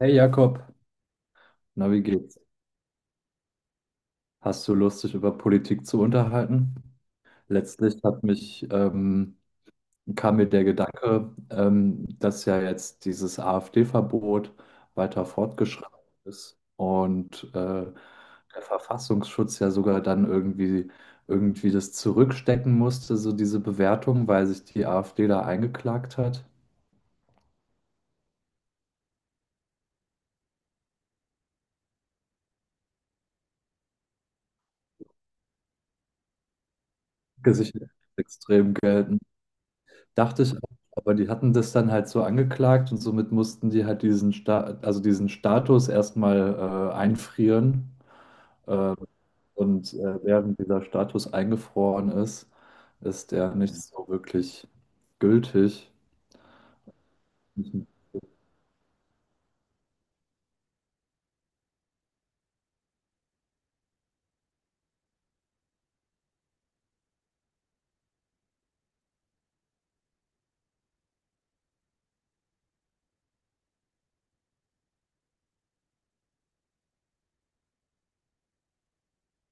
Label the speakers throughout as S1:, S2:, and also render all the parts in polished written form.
S1: Hey Jakob, na wie geht's? Hast du Lust, dich über Politik zu unterhalten? Letztlich hat mich, kam mir der Gedanke, dass ja jetzt dieses AfD-Verbot weiter fortgeschritten ist und der Verfassungsschutz ja sogar dann irgendwie das zurückstecken musste, so diese Bewertung, weil sich die AfD da eingeklagt hat. Gesichert extrem Geld. Dachte ich auch, aber die hatten das dann halt so angeklagt und somit mussten die halt diesen Sta also diesen Status erstmal einfrieren. Äh, und während dieser Status eingefroren ist, ist der nicht so wirklich gültig.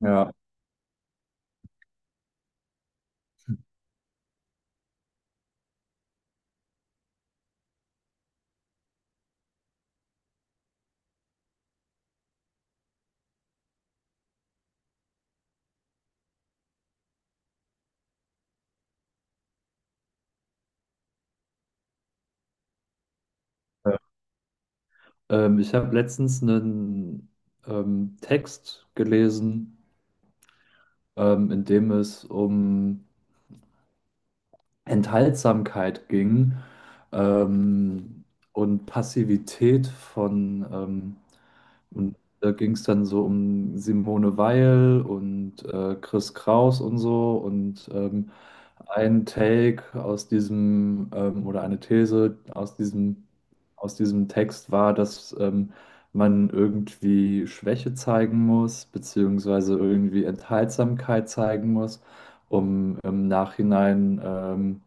S1: Ja. äh, ich habe letztens einen Text gelesen, in dem es um Enthaltsamkeit ging, ähm, und Passivität von und da ging es dann so um Simone Weil und Chris Kraus und so. Und ein Take aus diesem, oder eine These aus diesem Text war, dass man irgendwie Schwäche zeigen muss, beziehungsweise irgendwie Enthaltsamkeit zeigen muss, um im Nachhinein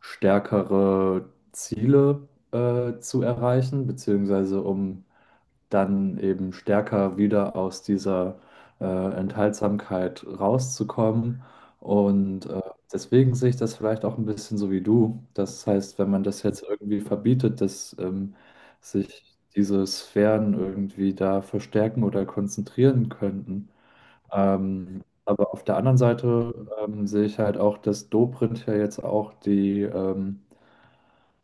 S1: stärkere Ziele zu erreichen, beziehungsweise um dann eben stärker wieder aus dieser Enthaltsamkeit rauszukommen. Und deswegen sehe ich das vielleicht auch ein bisschen so wie du. Das heißt, wenn man das jetzt irgendwie verbietet, dass sich diese Sphären irgendwie da verstärken oder konzentrieren könnten. Aber auf der anderen Seite sehe ich halt auch, dass Dobrindt ja jetzt auch die ähm,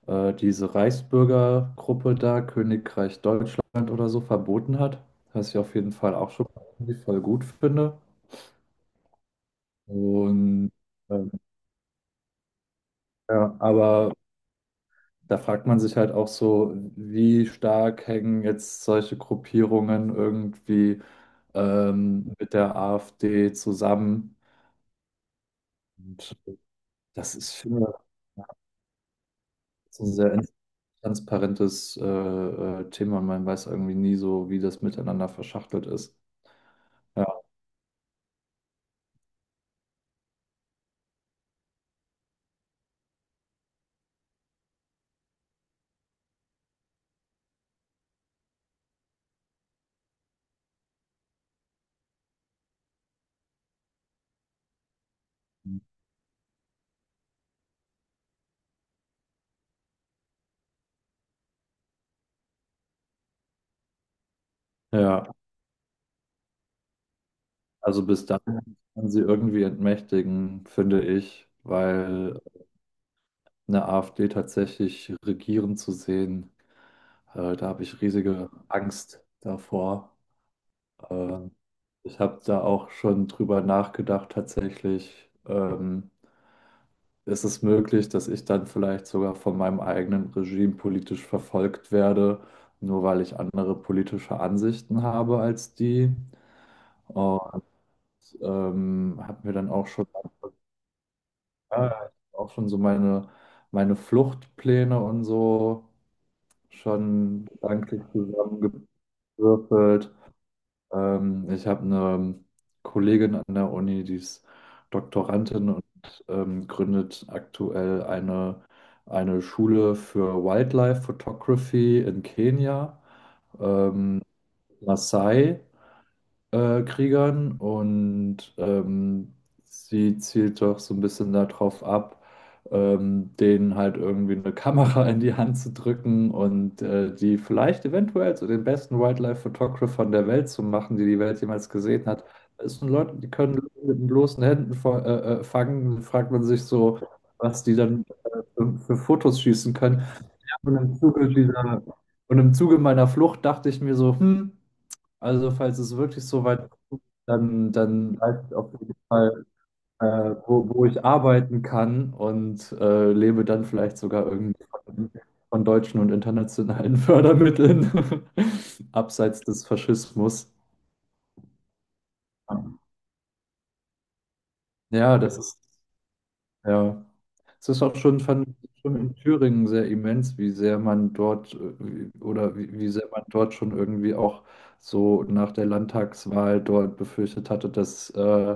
S1: äh, diese Reichsbürgergruppe da, Königreich Deutschland oder so, verboten hat, was ich auf jeden Fall auch schon irgendwie voll gut finde. Und ähm, ja, aber da fragt man sich halt auch so, wie stark hängen jetzt solche Gruppierungen irgendwie mit der AfD zusammen. Und das ist, finde ich, so ein sehr transparentes Thema und man weiß irgendwie nie so, wie das miteinander verschachtelt ist. Ja. Ja. Also bis dahin kann sie irgendwie entmächtigen, finde ich, weil eine AfD tatsächlich regieren zu sehen, da habe ich riesige Angst davor. Ähm, ich habe da auch schon drüber nachgedacht, tatsächlich, ist es möglich, dass ich dann vielleicht sogar von meinem eigenen Regime politisch verfolgt werde, nur weil ich andere politische Ansichten habe als die. Und habe mir dann auch schon ja, auch schon so meine Fluchtpläne und so schon gedanklich zusammengewürfelt. Ich habe eine Kollegin an der Uni, die ist Doktorandin und gründet aktuell eine Schule für Wildlife Photography in Kenia, ähm, Maasai Kriegern und sie zielt doch so ein bisschen darauf ab, denen halt irgendwie eine Kamera in die Hand zu drücken und die vielleicht eventuell zu den besten Wildlife-Photographern der Welt zu machen, die die Welt jemals gesehen hat. Es sind Leute, die können mit den bloßen Händen fangen. Dann fragt man sich so, was die dann für Fotos schießen können. Ja. Und im Zuge meiner Flucht dachte ich mir so, hm, also falls es wirklich so weit, dann weiß ich auf jeden Fall, äh, wo ich arbeiten kann und lebe dann vielleicht sogar irgendwie von deutschen und internationalen Fördermitteln, abseits des Faschismus. Ja, das ist, ja. Es ist auch schon, fand ich, schon in Thüringen sehr immens, wie sehr man dort wie sehr man dort schon irgendwie auch so nach der Landtagswahl dort befürchtet hatte, dass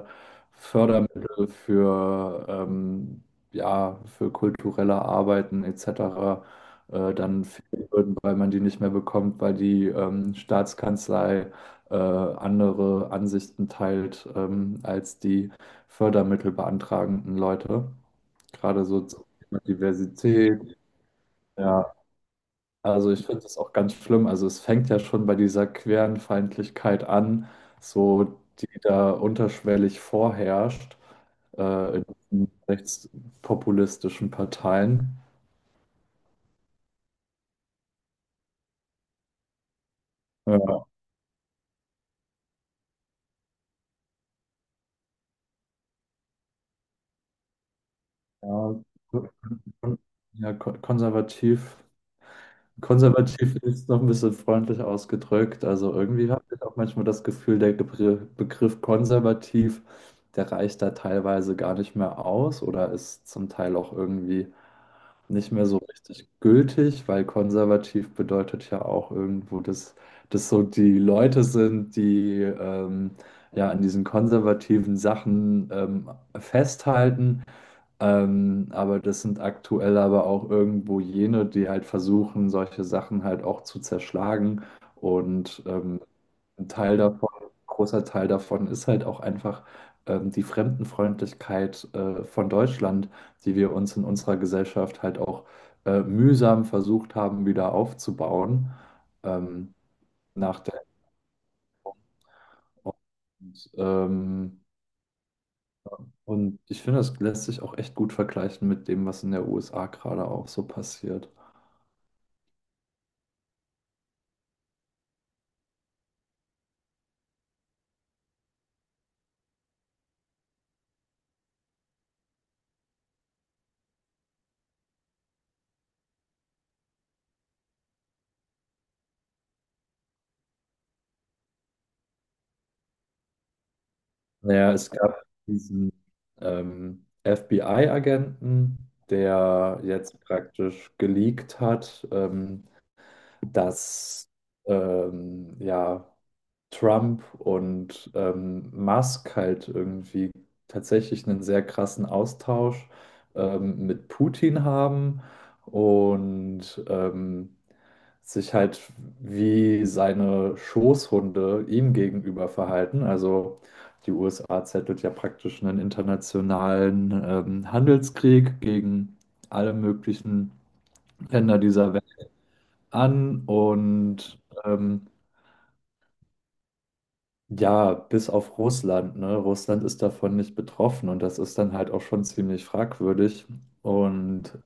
S1: Fördermittel für, ja, für kulturelle Arbeiten etc. Dann fehlen würden, weil man die nicht mehr bekommt, weil die Staatskanzlei andere Ansichten teilt, als die Fördermittelbeantragenden Leute. Gerade so zum Thema Diversität. Ja, also ich finde das auch ganz schlimm. Also es fängt ja schon bei dieser queeren Feindlichkeit an, so die da unterschwellig vorherrscht in diesen rechtspopulistischen Parteien. Ja, ja, kon- konservativ. Konservativ ist noch ein bisschen freundlich ausgedrückt. Also irgendwie habe ich auch manchmal das Gefühl, der Begriff konservativ, der reicht da teilweise gar nicht mehr aus oder ist zum Teil auch irgendwie nicht mehr so richtig gültig, weil konservativ bedeutet ja auch irgendwo, dass das so die Leute sind, die ja an diesen konservativen Sachen festhalten, aber das sind aktuell aber auch irgendwo jene, die halt versuchen, solche Sachen halt auch zu zerschlagen. Und ein Teil davon, ein großer Teil davon ist halt auch einfach die Fremdenfreundlichkeit von Deutschland, die wir uns in unserer Gesellschaft halt auch mühsam versucht haben, wieder aufzubauen. Ähm, nach der und, ähm, und ich finde, das lässt sich auch echt gut vergleichen mit dem, was in der USA gerade auch so passiert. Naja, es gab diesen FBI-Agenten, der jetzt praktisch geleakt hat, dass ja Trump und Musk halt irgendwie tatsächlich einen sehr krassen Austausch mit Putin haben und sich halt wie seine Schoßhunde ihm gegenüber verhalten. Also die USA zettelt ja praktisch einen internationalen Handelskrieg gegen alle möglichen Länder dieser Welt an und ja, bis auf Russland, ne? Russland ist davon nicht betroffen und das ist dann halt auch schon ziemlich fragwürdig. Und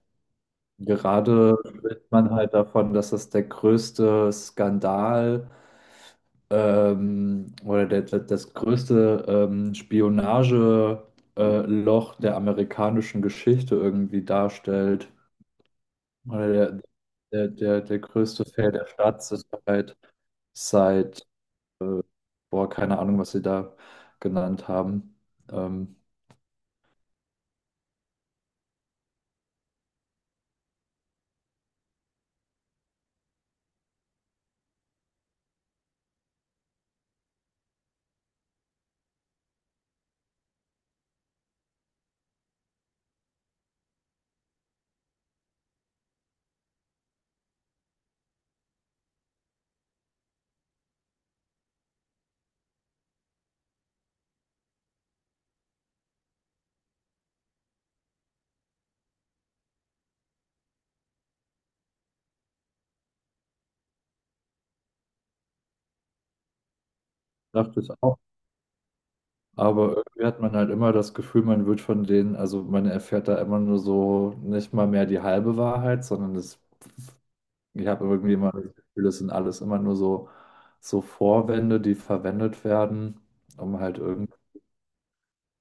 S1: gerade spricht man halt davon, dass das der größte Skandal das größte Spionage, Loch der amerikanischen Geschichte irgendwie darstellt. Oder der größte Fehler der Staatssicherheit seit, boah, keine Ahnung, was sie da genannt haben. Ähm, dachte ich auch. Aber irgendwie hat man halt immer das Gefühl, man wird von denen, also man erfährt da immer nur so nicht mal mehr die halbe Wahrheit, sondern das, ich habe irgendwie immer das Gefühl, das sind alles immer nur so, so Vorwände, die verwendet werden, um halt irgendwie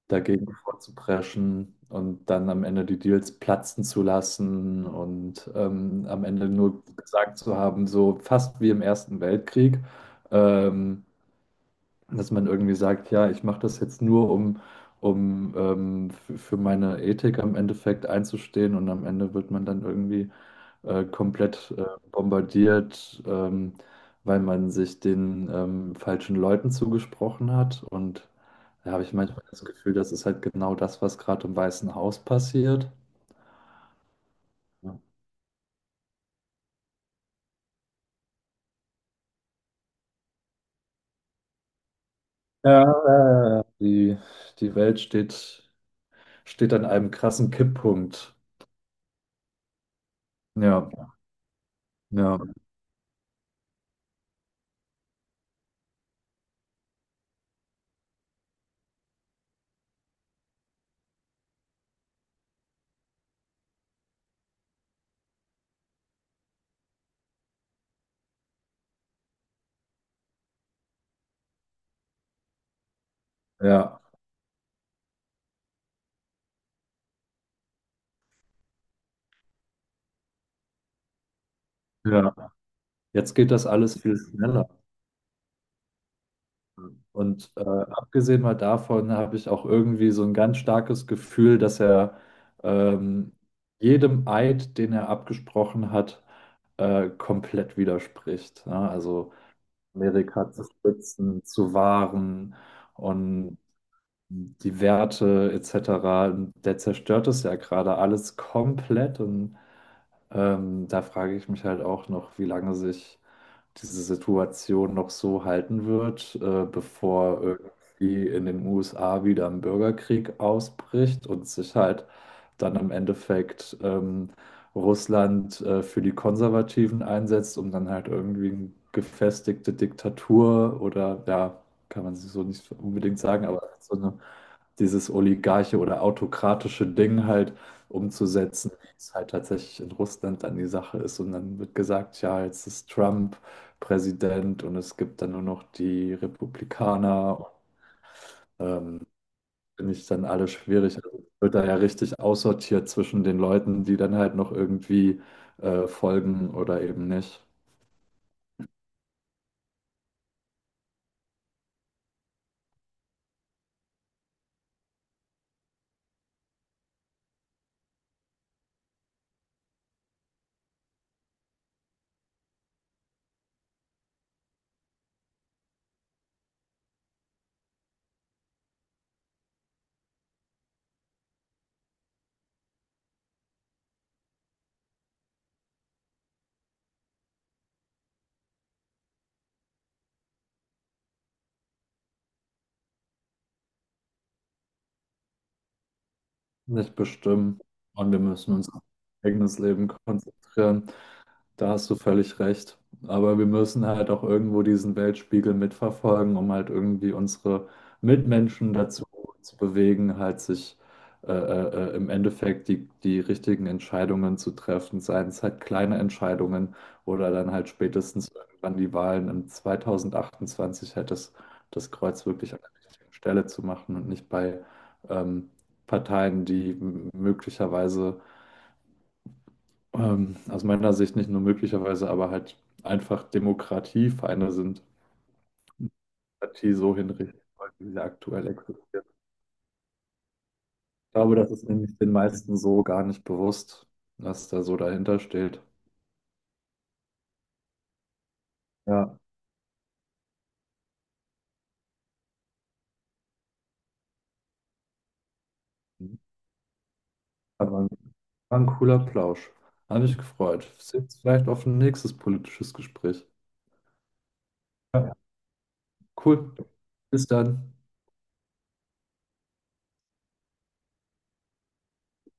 S1: dagegen vorzupreschen und dann am Ende die Deals platzen zu lassen und am Ende nur gesagt zu haben, so fast wie im Ersten Weltkrieg, ähm, dass man irgendwie sagt, ja, ich mache das jetzt nur, um, um für meine Ethik am Endeffekt einzustehen und am Ende wird man dann irgendwie komplett bombardiert, weil man sich den falschen Leuten zugesprochen hat. Und da habe ich manchmal das Gefühl, das ist halt genau das, was gerade im Weißen Haus passiert. Ja, ja, ja. Die Welt steht an einem krassen Kipppunkt. Ja, ja, ja, ja. Jetzt geht das alles viel schneller. Und abgesehen mal davon habe ich auch irgendwie so ein ganz starkes Gefühl, dass er ähm, jedem Eid, den er abgesprochen hat, komplett widerspricht. Ne? Also Amerika zu schützen, zu wahren und die Werte etc. Der zerstört es ja gerade alles komplett. Und da frage ich mich halt auch noch, wie lange sich diese Situation noch so halten wird, bevor irgendwie in den USA wieder ein Bürgerkrieg ausbricht und sich halt dann im Endeffekt Russland für die Konservativen einsetzt, um dann halt irgendwie eine gefestigte Diktatur oder ja, kann man so nicht unbedingt sagen, aber so eine, dieses oligarche oder autokratische Ding halt umzusetzen, wie es halt tatsächlich in Russland dann die Sache ist. Und dann wird gesagt, ja, jetzt ist Trump Präsident und es gibt dann nur noch die Republikaner. Ähm, finde ich dann alles schwierig. Also es wird da ja richtig aussortiert zwischen den Leuten, die dann halt noch irgendwie folgen oder eben nicht, nicht bestimmen. Und wir müssen uns auf unser eigenes Leben konzentrieren. Da hast du völlig recht. Aber wir müssen halt auch irgendwo diesen Weltspiegel mitverfolgen, um halt irgendwie unsere Mitmenschen dazu zu bewegen, halt sich im Endeffekt die richtigen Entscheidungen zu treffen, seien es halt kleine Entscheidungen oder dann halt spätestens irgendwann die Wahlen im 2028 das Kreuz wirklich an der richtigen Stelle zu machen und nicht bei ähm, Parteien, die möglicherweise, aus meiner Sicht nicht nur möglicherweise, aber halt einfach Demokratiefeinde sind. Demokratie so hinrichten wollen, wie sie aktuell existiert. Ich glaube, das ist nämlich den meisten so gar nicht bewusst, was da so dahinter steht. Ja, aber ein, war ein cooler Plausch. Hat mich gefreut. Bis jetzt vielleicht auf ein nächstes politisches Gespräch. Ja. Cool. Bis dann.